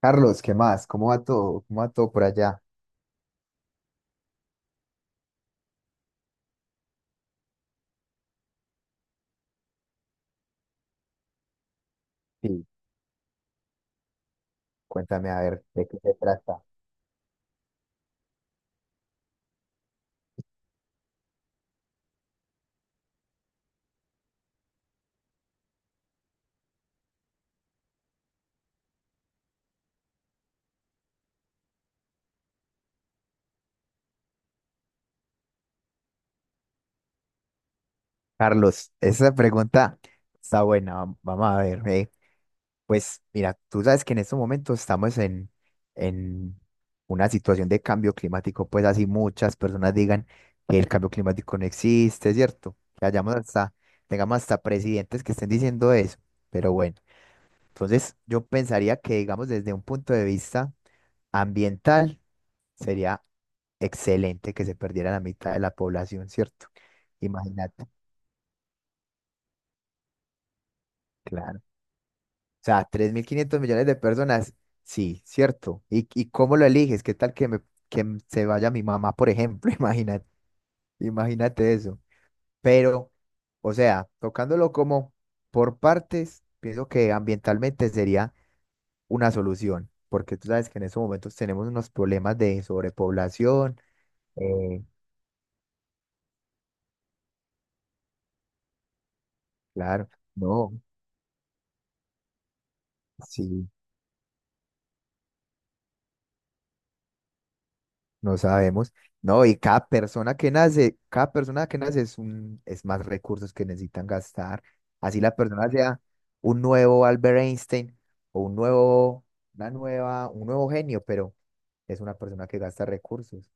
Carlos, ¿qué más? ¿Cómo va todo? ¿Cómo va todo por allá? Sí, cuéntame a ver de qué se trata. Carlos, esa pregunta está buena. Vamos a ver. Pues mira, tú sabes que en estos momentos estamos en una situación de cambio climático, pues así muchas personas digan que el cambio climático no existe, ¿cierto? Que hayamos hasta, tengamos hasta presidentes que estén diciendo eso. Pero bueno, entonces yo pensaría que, digamos, desde un punto de vista ambiental, sería excelente que se perdiera la mitad de la población, ¿cierto? Imagínate, claro. O sea, 3.500 millones de personas, sí, ¿cierto? ¿Y, cómo lo eliges? ¿Qué tal que, se vaya mi mamá, por ejemplo? Imagínate, imagínate eso. Pero, o sea, tocándolo como por partes, pienso que ambientalmente sería una solución, porque tú sabes que en estos momentos tenemos unos problemas de sobrepoblación. eh, claro, no, sí. No sabemos. No, y cada persona que nace es es más recursos que necesitan gastar. Así la persona sea un nuevo Albert Einstein o un nuevo, una nueva, un nuevo genio, pero es una persona que gasta recursos.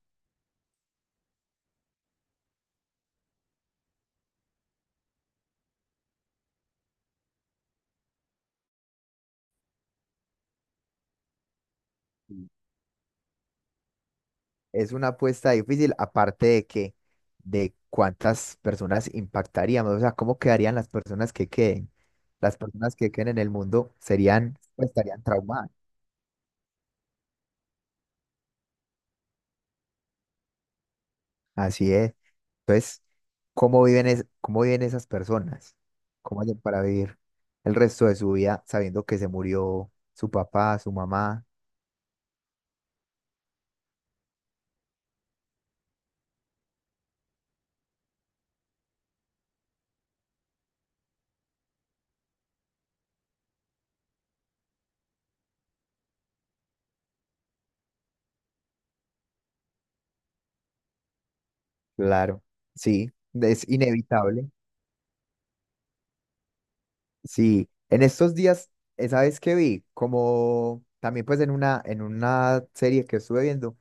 Sí. Es una apuesta difícil, aparte de que, de cuántas personas impactaríamos, o sea, cómo quedarían las personas que queden. Las personas que queden en el mundo serían, pues, estarían traumadas. Así es. Entonces, ¿cómo viven, cómo viven esas personas? ¿Cómo hacen para vivir el resto de su vida sabiendo que se murió su papá, su mamá? Claro, sí, es inevitable. Sí, en estos días, esa vez que vi, como también pues en una serie que estuve viendo,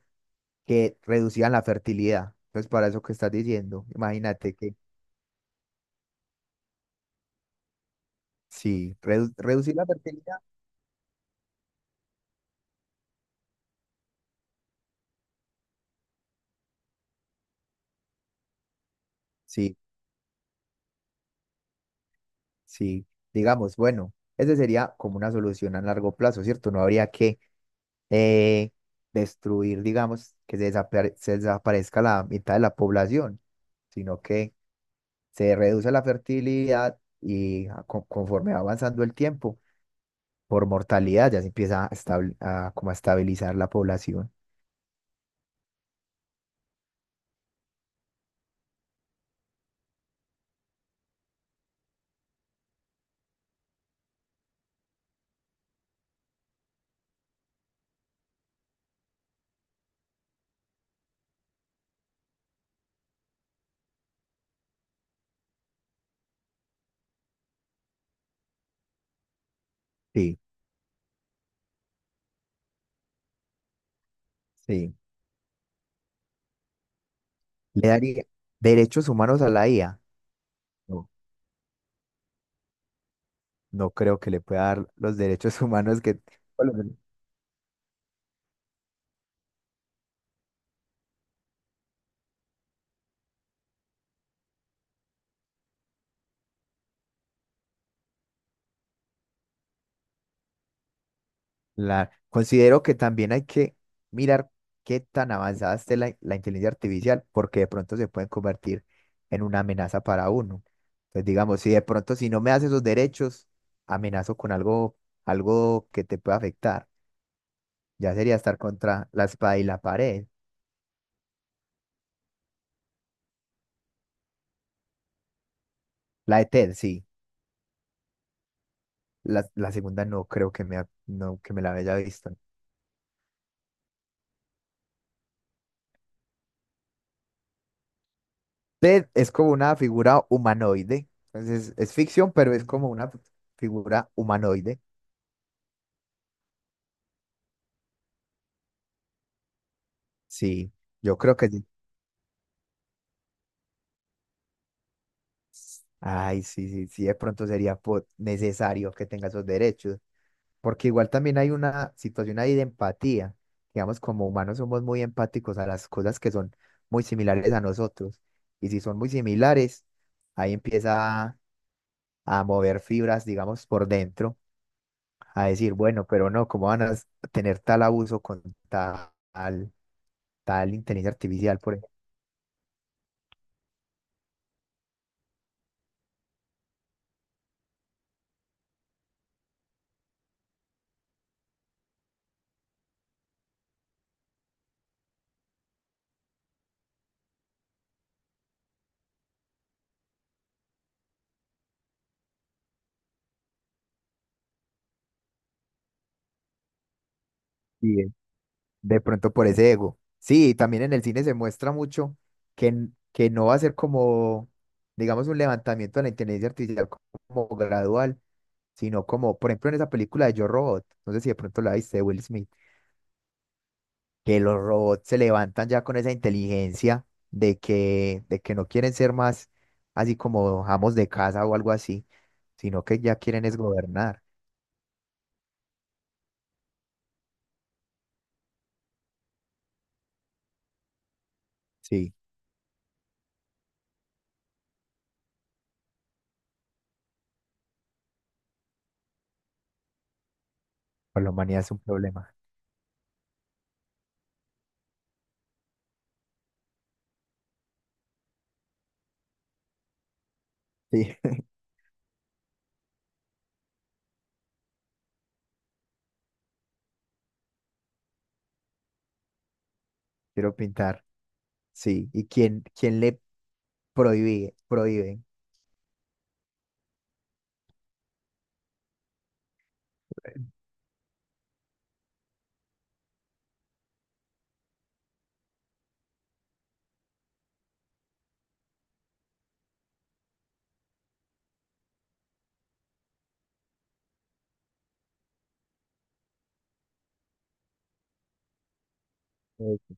que reducían la fertilidad, pues para eso que estás diciendo, imagínate que sí, reducir la fertilidad, sí. Sí, digamos, bueno, esa sería como una solución a largo plazo, ¿cierto? No habría que eh, destruir, digamos, que se desaparezca la mitad de la población, sino que se reduce la fertilidad y conforme va avanzando el tiempo, por mortalidad ya se empieza a, a como a estabilizar la población. Sí, sí. ¿Le daría derechos humanos a la IA? No, no creo que le pueda dar los derechos humanos que... La, considero que también hay que mirar qué tan avanzada esté la inteligencia artificial, porque de pronto se pueden convertir en una amenaza para uno. Entonces, digamos, si de pronto si no me das esos derechos, amenazo con algo, algo que te pueda afectar. Ya sería estar contra la espada y la pared. La de Ted, sí. La segunda no creo que me, ha- no, que me la haya visto. Ted es como una figura humanoide. Entonces, es ficción, pero es como una figura humanoide. Sí. Yo creo que sí. Ay, sí, sí, sí, de pronto sería necesario que tenga esos derechos, porque igual también hay una situación ahí de empatía. Digamos, como humanos somos muy empáticos a las cosas que son muy similares a nosotros, y si son muy similares, ahí a mover fibras, digamos, por dentro, a decir, bueno, pero no, ¿cómo van a s- tener tal abuso con tal, tal inteligencia artificial, por ejemplo. De pronto por ese ego. Sí, también en el cine se muestra mucho que, que no va a ser como, digamos, un levantamiento de la inteligencia artificial como gradual, sino como, por ejemplo, en esa película de Yo Robot, no sé si de pronto la viste, de Will Smith, que los robots se levantan ya con esa inteligencia de que no quieren ser más así como amos de casa o algo así, sino que ya quieren es gobernar. Sí, para la humanidad es un problema. Sí, quiero pintar. Sí, y quién, quién le prohíbe, prohíben. Eh,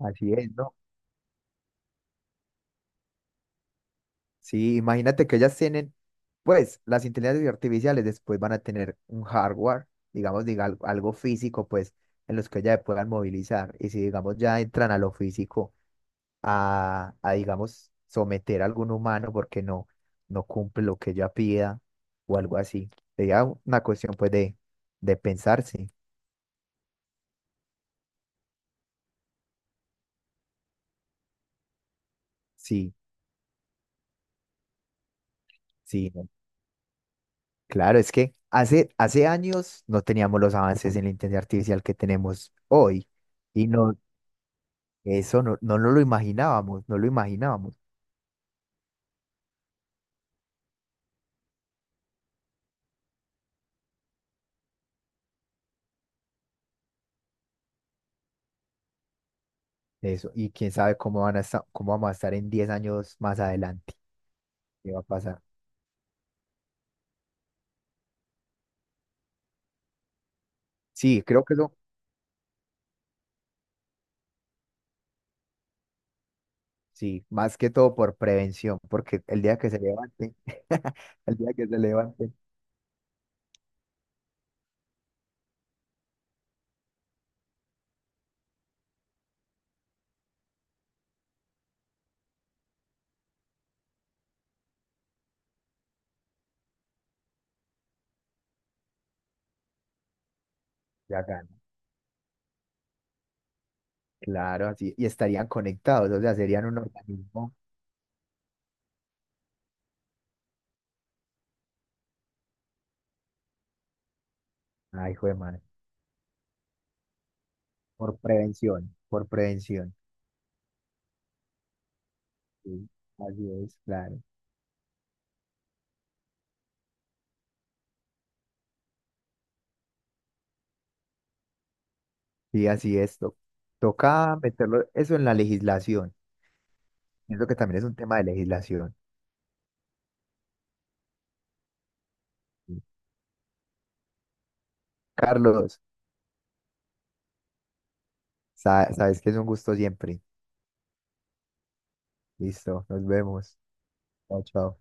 Así es, ¿no? Sí, imagínate que ellas tienen, pues, las inteligencias artificiales después van a tener un hardware, digamos, algo físico, pues, en los que ellas se puedan movilizar. Y si, digamos, ya entran a lo físico, digamos, someter a algún humano porque no, no cumple lo que ella pida o algo así. Sería una cuestión, pues, de pensarse. Sí, sí, ¿no? Claro, es que hace años no teníamos los avances en la inteligencia artificial que tenemos hoy y no, eso no, no nos lo imaginábamos, no lo imaginábamos eso, y quién sabe cómo van a estar, cómo vamos a estar en 10 años más adelante, qué va a pasar. Sí, creo que eso, sí, más que todo por prevención, porque el día que se levanten, el día que se levanten, ya ganan. Claro, así, y estarían conectados, o sea, serían un organismo, ay, hijo de madre, por prevención, por prevención. Sí, así es, claro. Sí, así es. Toca meterlo eso en la legislación. Siento que también es un tema de legislación. Sí. Carlos, sabes que es un gusto siempre. Listo, nos vemos. Chao, chao.